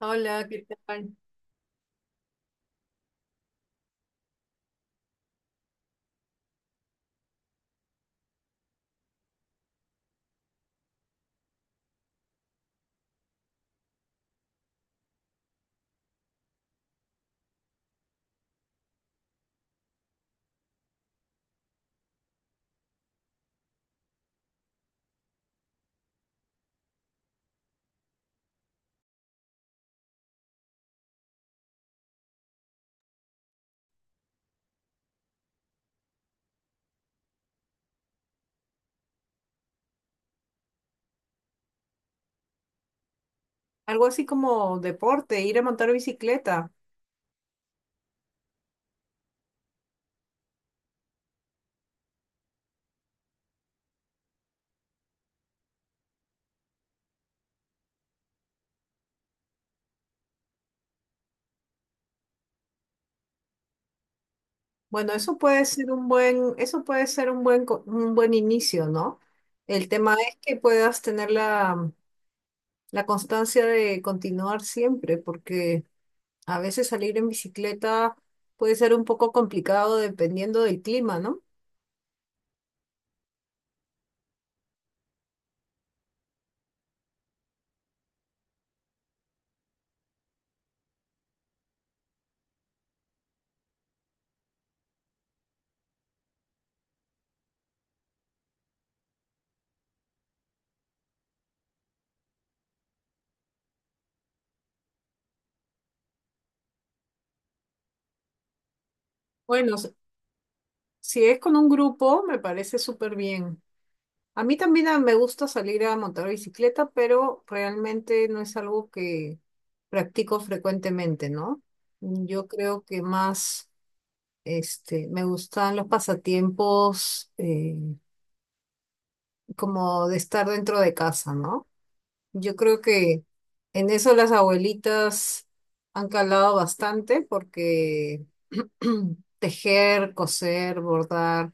Hola, ¿qué tal? Algo así como deporte, ir a montar bicicleta. Bueno, eso puede ser un buen, eso puede ser un buen, un buen inicio, ¿no? El tema es que puedas tener la constancia de continuar siempre, porque a veces salir en bicicleta puede ser un poco complicado dependiendo del clima, ¿no? Bueno, si es con un grupo, me parece súper bien. A mí también me gusta salir a montar bicicleta, pero realmente no es algo que practico frecuentemente, ¿no? Yo creo que más me gustan los pasatiempos como de estar dentro de casa, ¿no? Yo creo que en eso las abuelitas han calado bastante porque tejer, coser, bordar,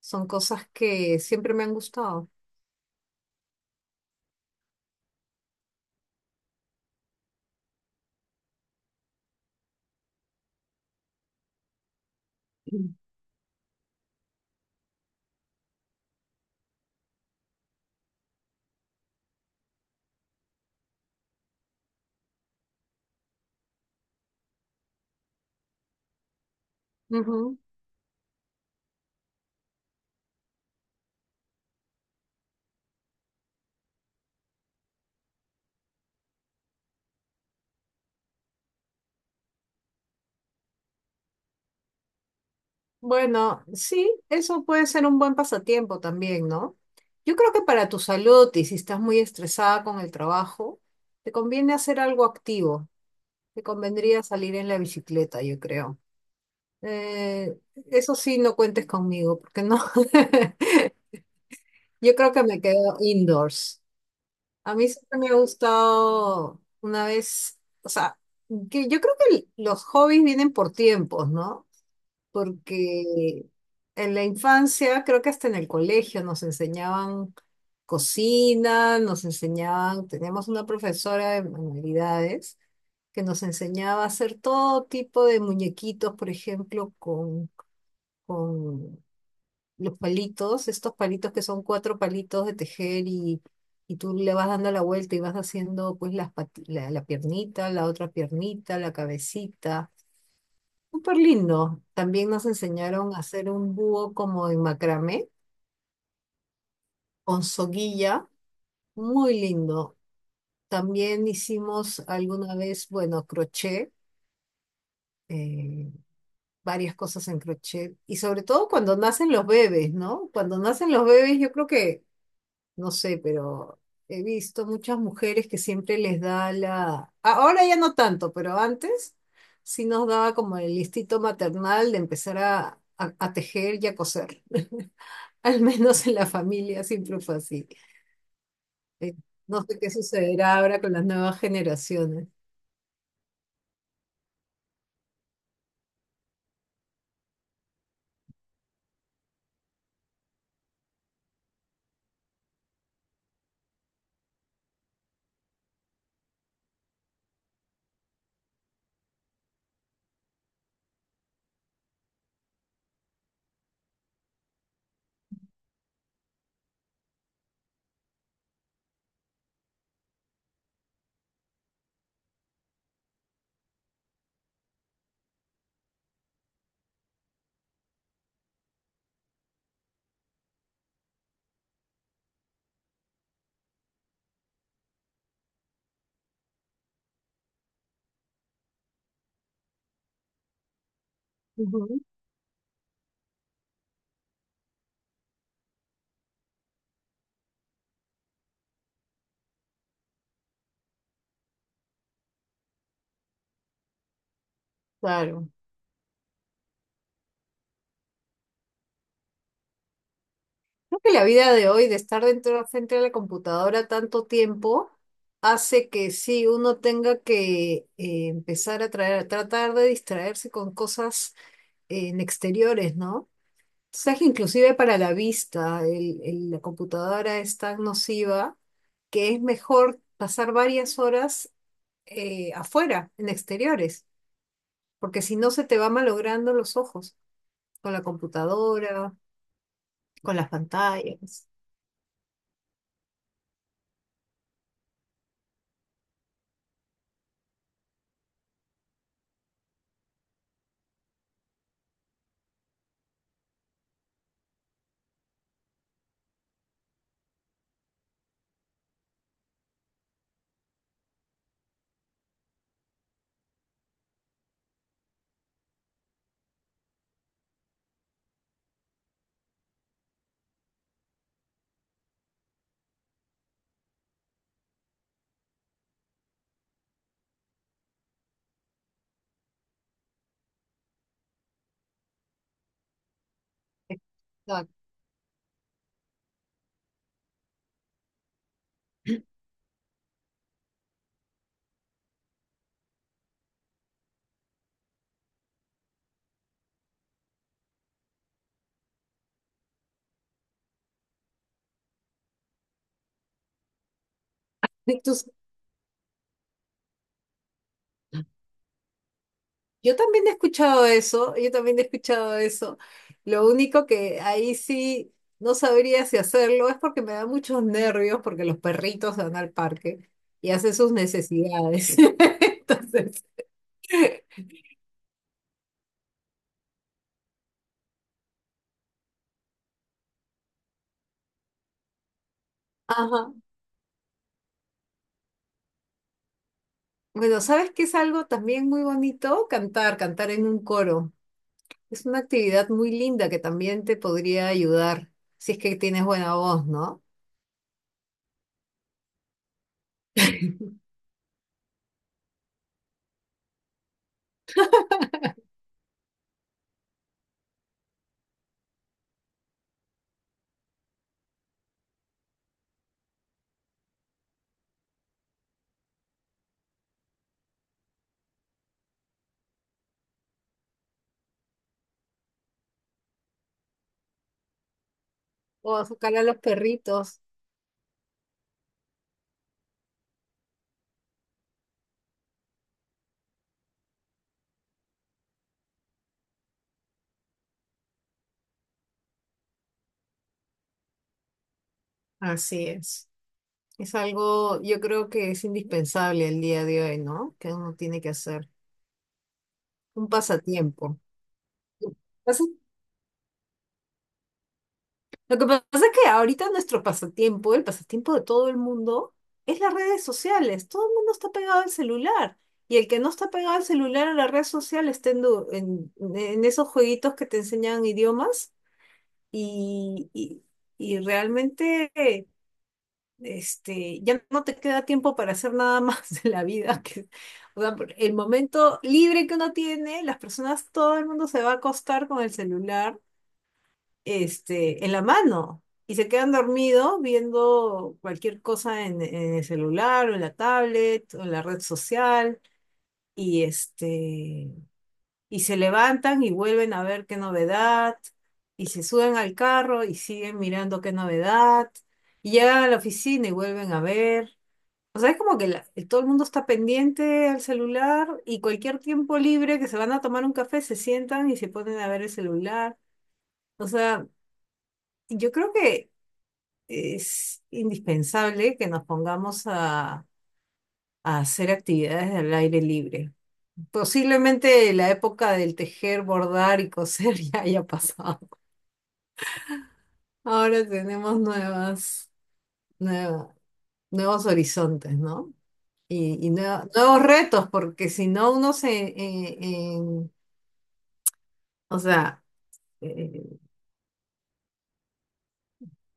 son cosas que siempre me han gustado. Ujú. Bueno, sí, eso puede ser un buen pasatiempo también, ¿no? Yo creo que para tu salud y si estás muy estresada con el trabajo, te conviene hacer algo activo. Te convendría salir en la bicicleta, yo creo. Eh, eso sí, no cuentes conmigo, porque no. Yo creo que me quedo indoors. A mí siempre me ha gustado una vez, o sea, que yo creo que los hobbies vienen por tiempos, ¿no? Porque en la infancia, creo que hasta en el colegio nos enseñaban cocina, nos enseñaban, teníamos una profesora de manualidades que nos enseñaba a hacer todo tipo de muñequitos, por ejemplo, con los palitos, estos palitos que son cuatro palitos de tejer y tú le vas dando la vuelta y vas haciendo pues las la piernita, la otra piernita, la cabecita. Súper lindo. También nos enseñaron a hacer un búho como en macramé, con soguilla. Muy lindo. También hicimos alguna vez, bueno, crochet, eh, varias cosas en crochet. Y sobre todo cuando nacen los bebés, ¿no? Cuando nacen los bebés, yo creo que no sé, pero he visto muchas mujeres que siempre les da la... Ahora ya no tanto, pero antes sí nos daba como el instinto maternal de empezar a, a tejer y a coser. Al menos en la familia siempre fue así. Eh, no sé qué sucederá ahora con las nuevas generaciones. Ujú. Claro. Creo que la vida de hoy, de estar dentro frente a la computadora tanto tiempo, hace que sí, uno tenga que empezar a tratar de distraerse con cosas en exteriores, ¿no? O sea, que inclusive para la vista, la computadora es tan nociva que es mejor pasar varias horas afuera, en exteriores, porque si no se te va malogrando los ojos con la computadora, con las pantallas. Exacto. Yo también he escuchado eso, yo también he escuchado eso. Lo único que ahí sí no sabría si hacerlo es porque me da muchos nervios porque los perritos van al parque y hacen sus necesidades. Entonces, ajá. Bueno, ¿sabes qué es algo también muy bonito? Cantar, cantar en un coro. Es una actividad muy linda que también te podría ayudar si es que tienes buena voz, ¿no? O sacar a los perritos. Así es. Es algo, yo creo que es indispensable el día de hoy, ¿no? Que uno tiene que hacer un pasatiempo. Pasa- Lo que pasa es que ahorita nuestro pasatiempo, el pasatiempo de todo el mundo, es las redes sociales. Todo el mundo está pegado al celular. Y el que no está pegado al celular a la red social está en, en esos jueguitos que te enseñan idiomas y, y, y realmente ya no te queda tiempo para hacer nada más de la vida. Que, o sea, por el momento libre que uno tiene, las personas, todo el mundo se va a acostar con el celular, en la mano y se quedan dormidos viendo cualquier cosa en el celular o en la tablet o en la red social y este, y se levantan y vuelven a ver qué novedad. Y se suben al carro y siguen mirando qué novedad. Y llegan a la oficina y vuelven a ver. O sea, es como que todo el mundo está pendiente al celular y cualquier tiempo libre que se van a tomar un café se sientan y se ponen a ver el celular. O sea, yo creo que es indispensable que nos pongamos a hacer actividades al aire libre. Posiblemente la época del tejer, bordar y coser ya haya pasado. Ahora tenemos nueva- nuevos horizontes, ¿no? Y nuevos retos, porque si no uno se. O sea, eh,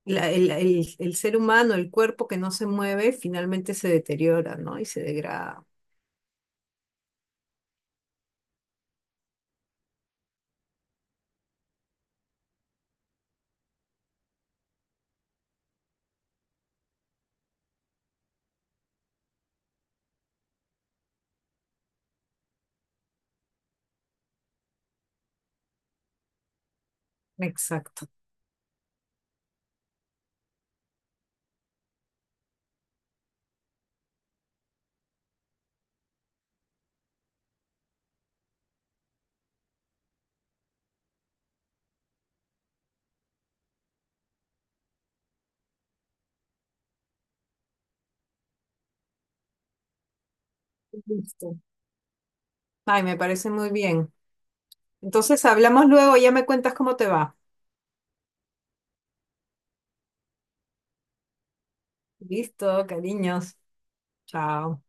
el ser humano, el cuerpo que no se mueve, finalmente se deteriora, ¿no? Y se degrada. Exacto. Listo. Ay, me parece muy bien. Entonces hablamos luego, ya me cuentas cómo te va. Listo, cariños. Chao.